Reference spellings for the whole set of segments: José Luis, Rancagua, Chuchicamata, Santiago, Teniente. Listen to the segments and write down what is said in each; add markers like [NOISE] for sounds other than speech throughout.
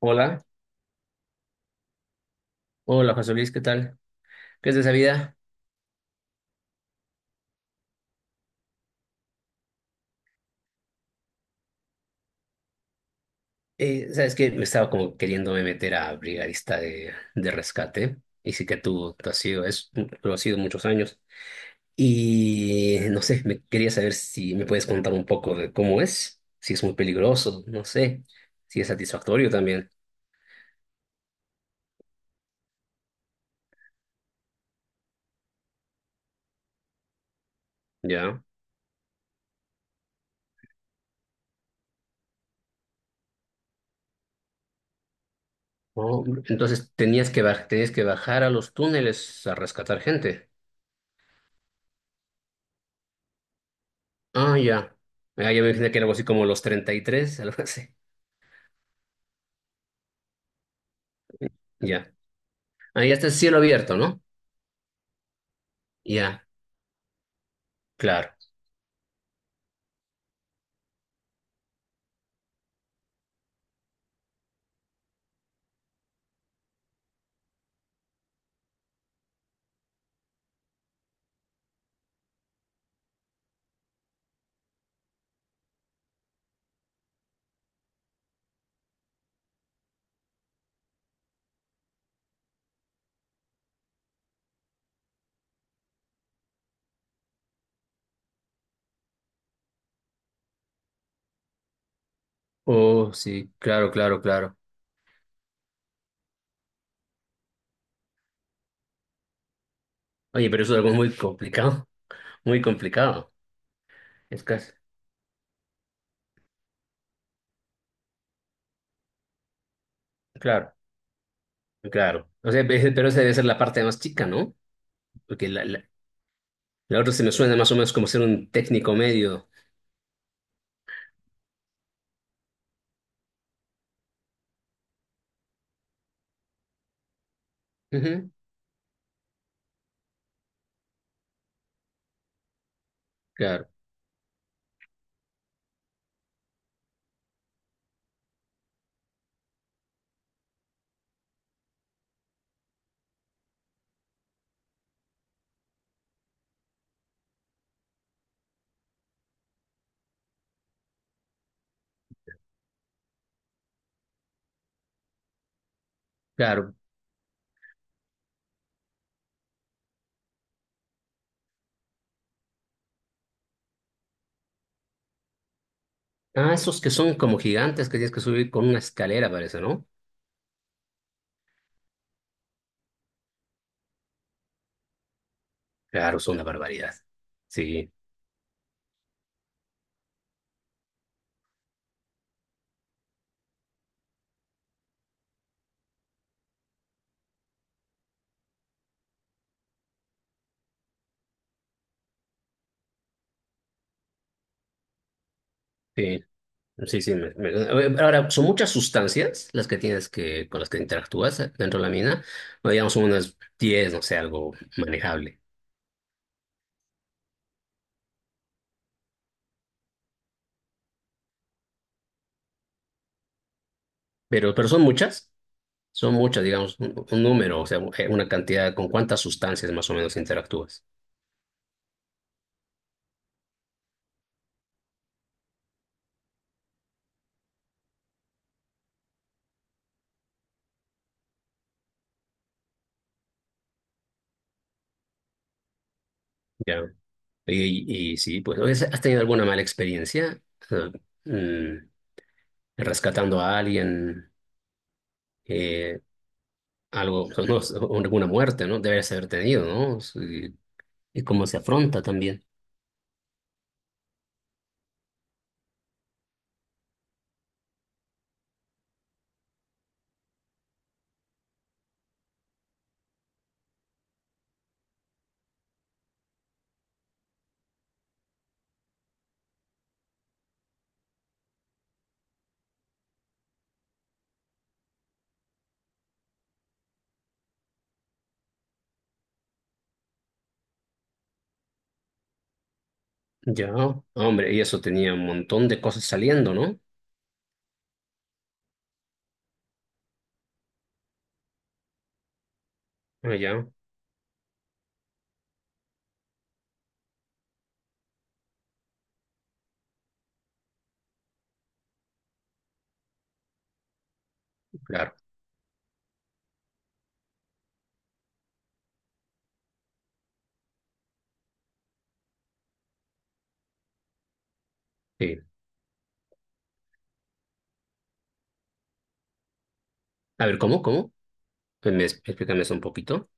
Hola, hola José Luis, ¿qué tal? ¿Qué es de esa vida? Sabes que me estaba como queriéndome meter a brigadista de rescate, y sí que tú has sido, lo has sido muchos años, y no sé, me quería saber si me puedes contar un poco de cómo es, si es muy peligroso, no sé, si es satisfactorio también. ¿Ya? Oh, entonces tenías que, tenías que bajar a los túneles a rescatar gente. Ah, ya. Ah, ya me imaginé que era algo así como los 33, [LAUGHS] algo así. Ya. Ahí está el cielo abierto, ¿no? Ya, claro. Oh, sí, claro, claro, claro. Oye, pero eso es algo muy complicado, [LAUGHS] muy complicado. Es casi, claro, claro. O sea, pero esa debe ser la parte más chica, ¿no? Porque la otra se me suena más o menos como ser un técnico medio. Ujú, claro, claro. Ah, esos que son como gigantes que tienes que subir con una escalera, parece, ¿no? Claro, son una barbaridad. Sí, sí. Sí, sí. Ahora, son muchas sustancias las que tienes que, con las que interactúas dentro de la mina. Bueno, digamos, son unas 10, no sé, algo manejable. Pero son muchas, digamos, un número, o sea, una cantidad, con cuántas sustancias más o menos interactúas. Ya. Y sí, pues, has tenido alguna mala experiencia? Eh, mm, Rescatando a alguien, eh, algo, no, alguna muerte, ¿no? Debes haber tenido, ¿no? Sí. ¿Y cómo se afronta también? Ya, hombre, y eso tenía un montón de cosas saliendo, ¿no? Ah, ya, claro, sí. A ver, ¿cómo, cómo? Pues me, explícame eso un poquito.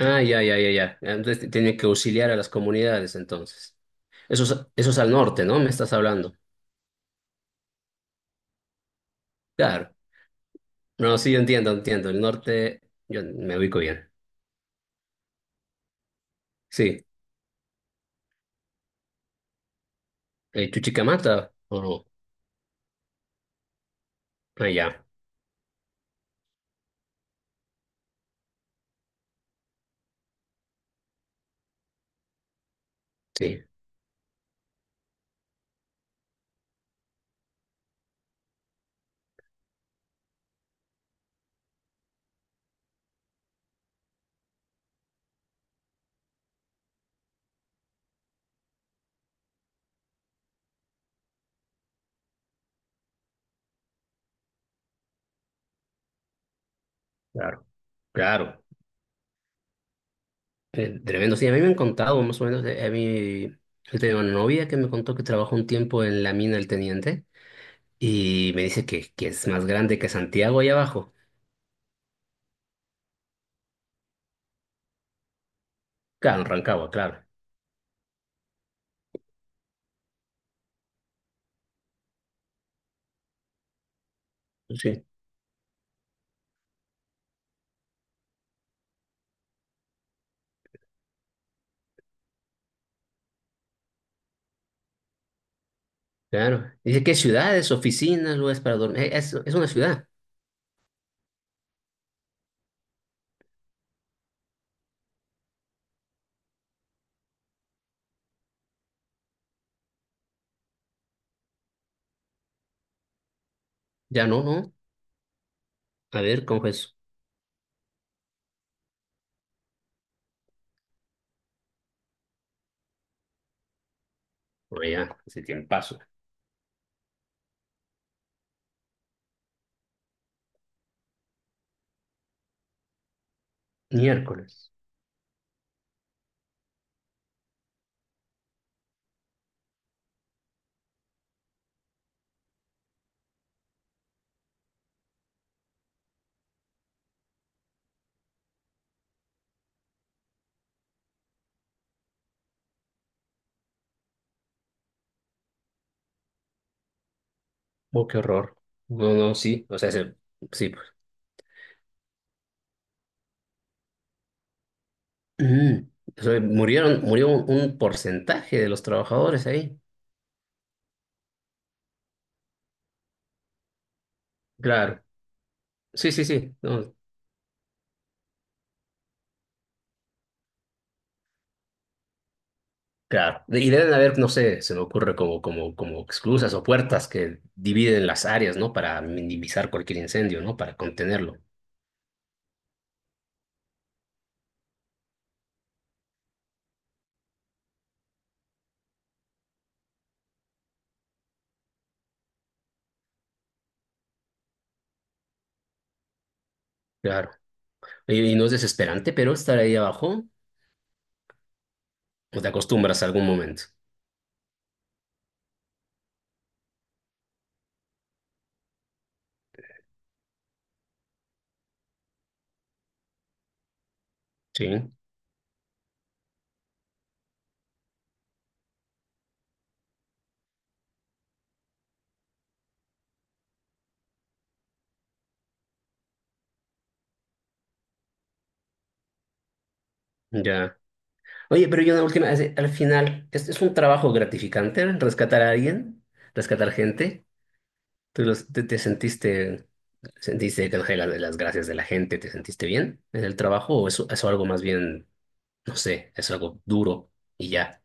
Ah, ya, ya, ya, ya. Entonces tenía que auxiliar a las comunidades, entonces. Eso es al norte, ¿no? Me estás hablando. Claro. No, sí, yo entiendo, entiendo. El norte, yo me ubico bien. Sí. Chuchicamata, ¿o no? Ah, ya, sí, claro, claro. Tremendo, sí, a mí me han contado más o menos, a mí, yo tengo una novia que me contó que trabajó un tiempo en la mina del Teniente y me dice que es más grande que Santiago ahí abajo. Claro, en Rancagua, claro. Pues sí. Claro. Dice que ciudades, oficinas, lugares para dormir. Es una ciudad. Ya no, ¿no? A ver, ¿cómo es eso? Bueno, ya, hace tiempazo. Miércoles. Oh, qué horror. No, no, sí. O sea, se- sí, pues. Mm. O sea, murieron, murió un porcentaje de los trabajadores ahí. Claro. Sí, sí, sí, no, claro. De- y deben haber, no sé, se me ocurre como, como, como esclusas o puertas que dividen las áreas, ¿no? Para minimizar cualquier incendio, ¿no? Para contenerlo, claro. Y no es desesperante, pero estar ahí abajo, o te acostumbras a algún momento, ¿sí? Ya. Oye, pero yo una última, es- al final, es un trabajo gratificante rescatar a alguien? ¿Rescatar gente? ¿Tú te, te sentiste, sentiste que las gracias de la gente, te sentiste bien en el trabajo o eso algo más bien no sé, es algo duro y ya.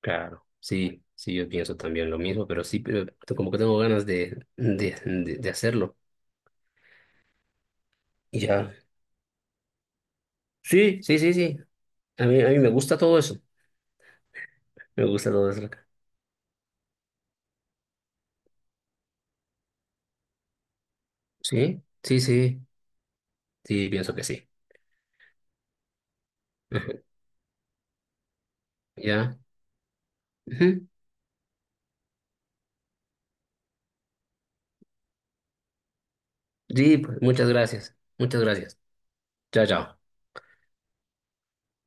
Claro. Sí, sí, yo pienso también lo mismo, pero sí, pero como que tengo ganas de hacerlo. Y ya. Sí, sí, sí, sí. A mí me gusta todo eso. Me gusta todo eso. Sí, sí, sí. Sí, pienso que sí. Ya. Ujú. Sí, pues, muchas gracias. Muchas gracias. Chao, chao.